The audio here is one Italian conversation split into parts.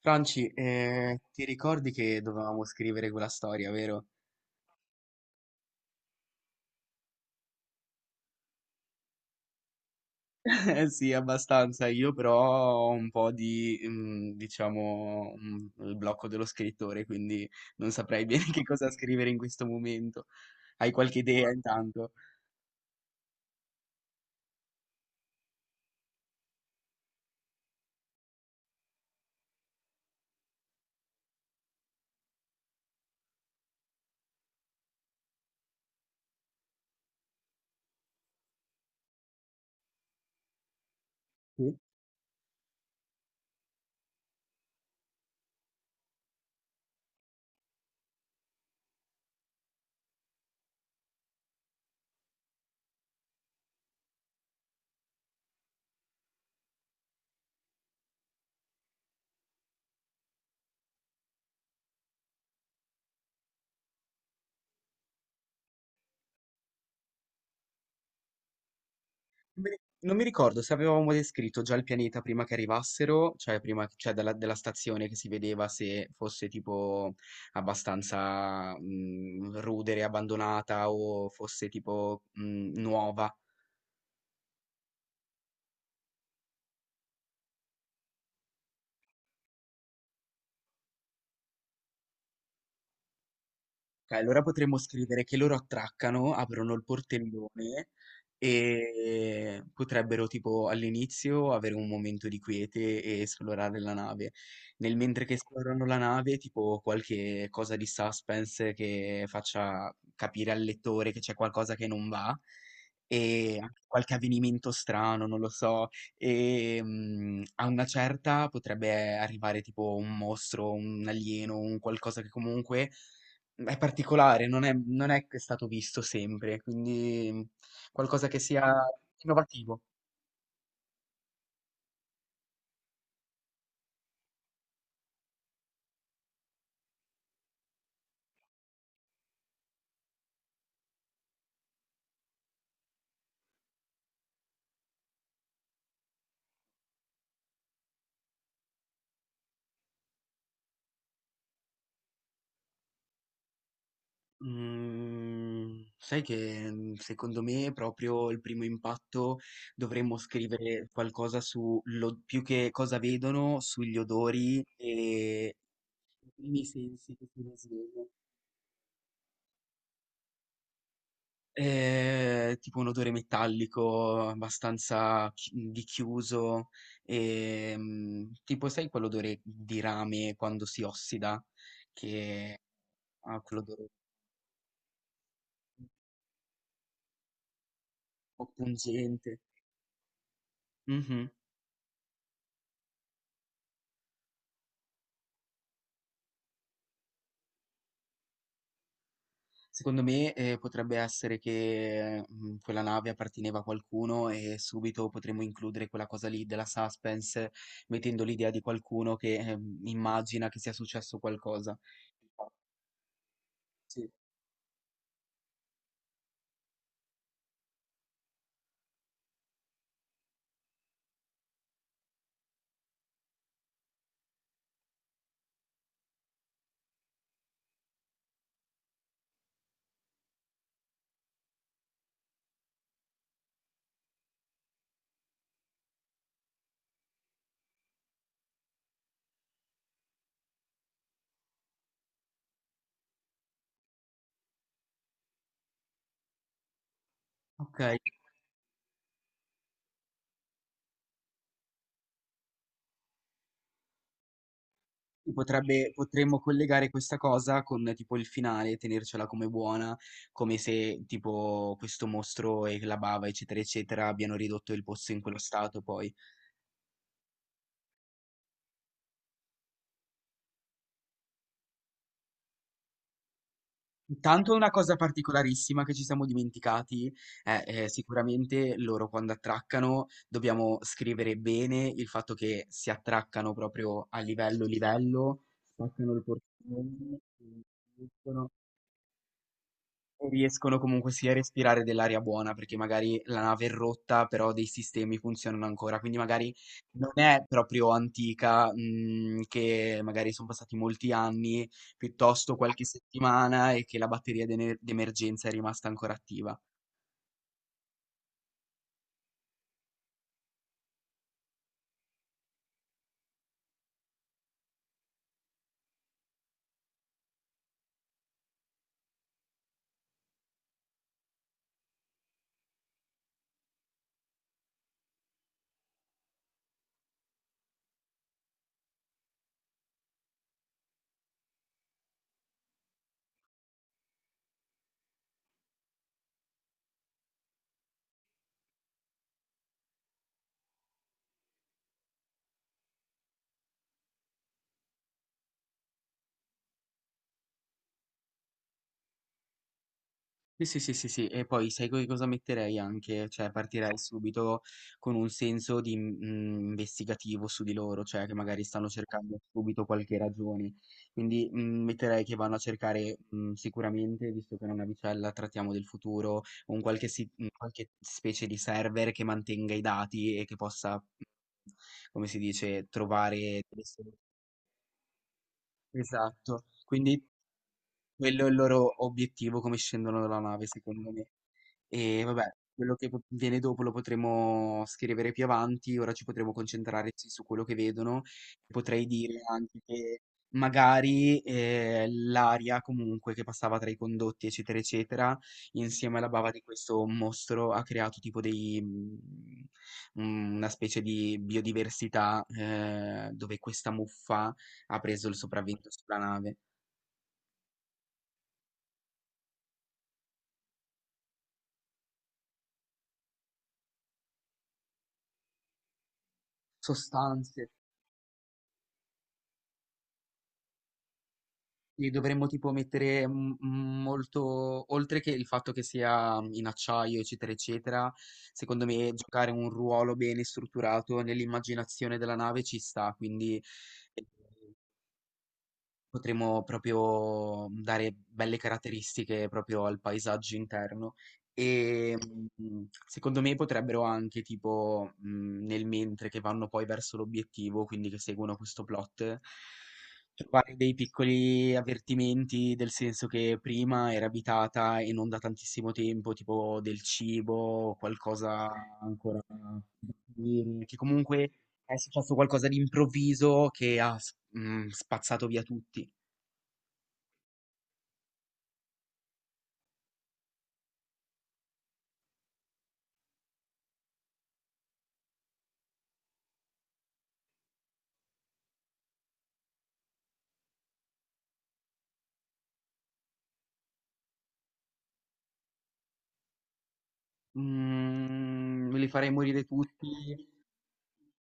Franci, ti ricordi che dovevamo scrivere quella storia, vero? Eh sì, abbastanza. Io però ho un po' di, diciamo, il blocco dello scrittore, quindi non saprei bene che cosa scrivere in questo momento. Hai qualche idea intanto? Sì? Non mi ricordo se avevamo descritto già il pianeta prima che arrivassero, cioè prima cioè dalla, della stazione che si vedeva se fosse tipo abbastanza rudere, abbandonata o fosse tipo nuova. Ok, allora potremmo scrivere che loro attraccano, aprono il portellone e potrebbero tipo all'inizio avere un momento di quiete e esplorare la nave. Nel mentre che esplorano la nave, tipo qualche cosa di suspense che faccia capire al lettore che c'è qualcosa che non va e anche qualche avvenimento strano, non lo so. E a una certa potrebbe arrivare tipo un mostro, un alieno, un qualcosa che comunque è particolare, non è che è stato visto sempre, quindi qualcosa che sia innovativo. Sai che, secondo me proprio il primo impatto dovremmo scrivere qualcosa più che cosa vedono, sugli odori e i primi sensi che si risvegliano. Tipo un odore metallico abbastanza chi di chiuso, tipo sai quell'odore di rame quando si ossida, che ha quell'odore un po' pungente. Mh-mh. Secondo me, potrebbe essere che, quella nave apparteneva a qualcuno e subito potremmo includere quella cosa lì della suspense, mettendo l'idea di qualcuno che, immagina che sia successo qualcosa. Sì, okay. Potrebbe potremmo collegare questa cosa con tipo il finale, tenercela come buona, come se tipo questo mostro e la bava, eccetera, eccetera, abbiano ridotto il posto in quello stato poi. Intanto una cosa particolarissima che ci siamo dimenticati è, sicuramente loro quando attraccano dobbiamo scrivere bene il fatto che si attraccano proprio a livello livello, spaccano il portone. Riescono comunque sia a respirare dell'aria buona, perché magari la nave è rotta, però dei sistemi funzionano ancora, quindi magari non è proprio antica, che magari son passati molti anni, piuttosto qualche settimana e che la batteria d'ener d'emergenza è rimasta ancora attiva. Sì, e poi sai co cosa metterei anche? Cioè partirei subito con un senso di, investigativo su di loro, cioè che magari stanno cercando subito qualche ragione. Quindi, metterei che vanno a cercare, sicuramente, visto che è una vicella, trattiamo del futuro, un qualche specie di server che mantenga i dati e che possa, come si dice, trovare delle solu esatto, quindi quello è il loro obiettivo come scendono dalla nave, secondo me. E vabbè, quello che po viene dopo lo potremo scrivere più avanti, ora ci potremo concentrare sì su quello che vedono. Potrei dire anche che magari, l'aria comunque che passava tra i condotti, eccetera, eccetera, insieme alla bava di questo mostro ha creato una specie di biodiversità, dove questa muffa ha preso il sopravvento sulla nave. Sostanze li dovremmo tipo mettere molto, oltre che il fatto che sia in acciaio, eccetera, eccetera, secondo me giocare un ruolo bene strutturato nell'immaginazione della nave ci sta, quindi potremmo proprio, dare belle caratteristiche proprio al paesaggio interno e, secondo me potrebbero anche tipo, nel mentre che vanno poi verso l'obiettivo, quindi che seguono questo plot, trovare dei piccoli avvertimenti del senso che prima era abitata e non da tantissimo tempo, tipo del cibo o qualcosa ancora da scoprire, che comunque è successo qualcosa di improvviso che spazzato via tutti. Mhmm, me li farei morire tutti.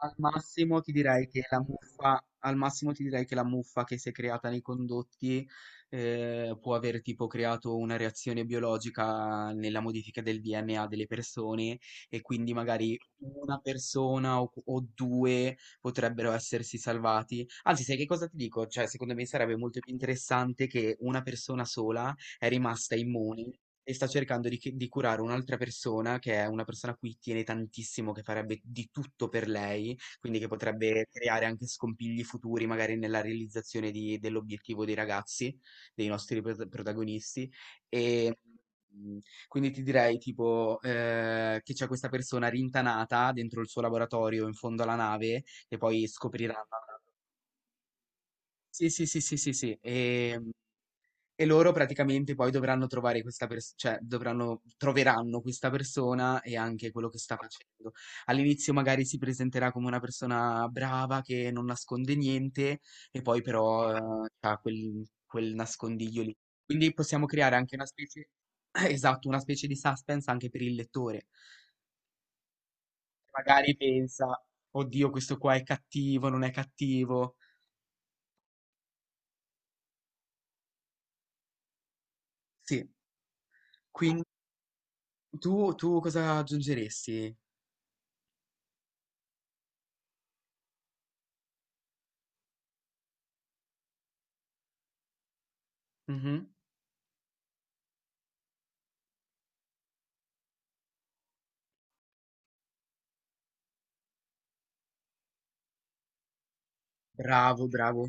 Al massimo ti direi che la muffa che si è creata nei condotti, può aver tipo creato una reazione biologica nella modifica del DNA delle persone e quindi magari una persona o 2 potrebbero essersi salvati. Anzi, sai che cosa ti dico? Cioè, secondo me sarebbe molto più interessante che una persona sola è rimasta immune e sta cercando di curare un'altra persona, che è una persona a cui tiene tantissimo, che farebbe di tutto per lei, quindi che potrebbe creare anche scompigli futuri, magari nella realizzazione di dell'obiettivo dei ragazzi, dei nostri protagonisti. E, mhmm, quindi ti direi tipo, che c'è questa persona rintanata dentro il suo laboratorio in fondo alla nave, che poi scopriranno. Sì. E loro praticamente poi dovranno trovare questa persona, cioè dovranno, troveranno questa persona e anche quello che sta facendo. All'inizio magari si presenterà come una persona brava che non nasconde niente e poi però ha quel nascondiglio lì. Quindi possiamo creare anche una specie, esatto, una specie di suspense anche per il lettore. Magari pensa, oddio, questo qua è cattivo, non è cattivo. Sì, quindi tu cosa aggiungeresti? Mhm. Bravo, bravo.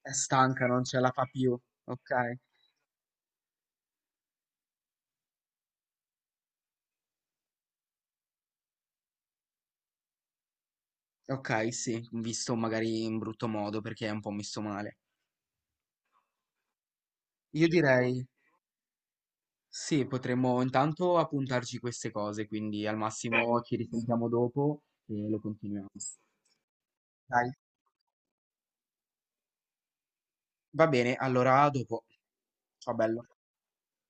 È stanca, non ce la fa più. Ok, ok, sì, visto magari in brutto modo perché è un po' messo male. Io direi, sì, potremmo intanto appuntarci queste cose, quindi al massimo ci risentiamo dopo e lo continuiamo. Dai, va bene, allora a dopo. Ciao bello.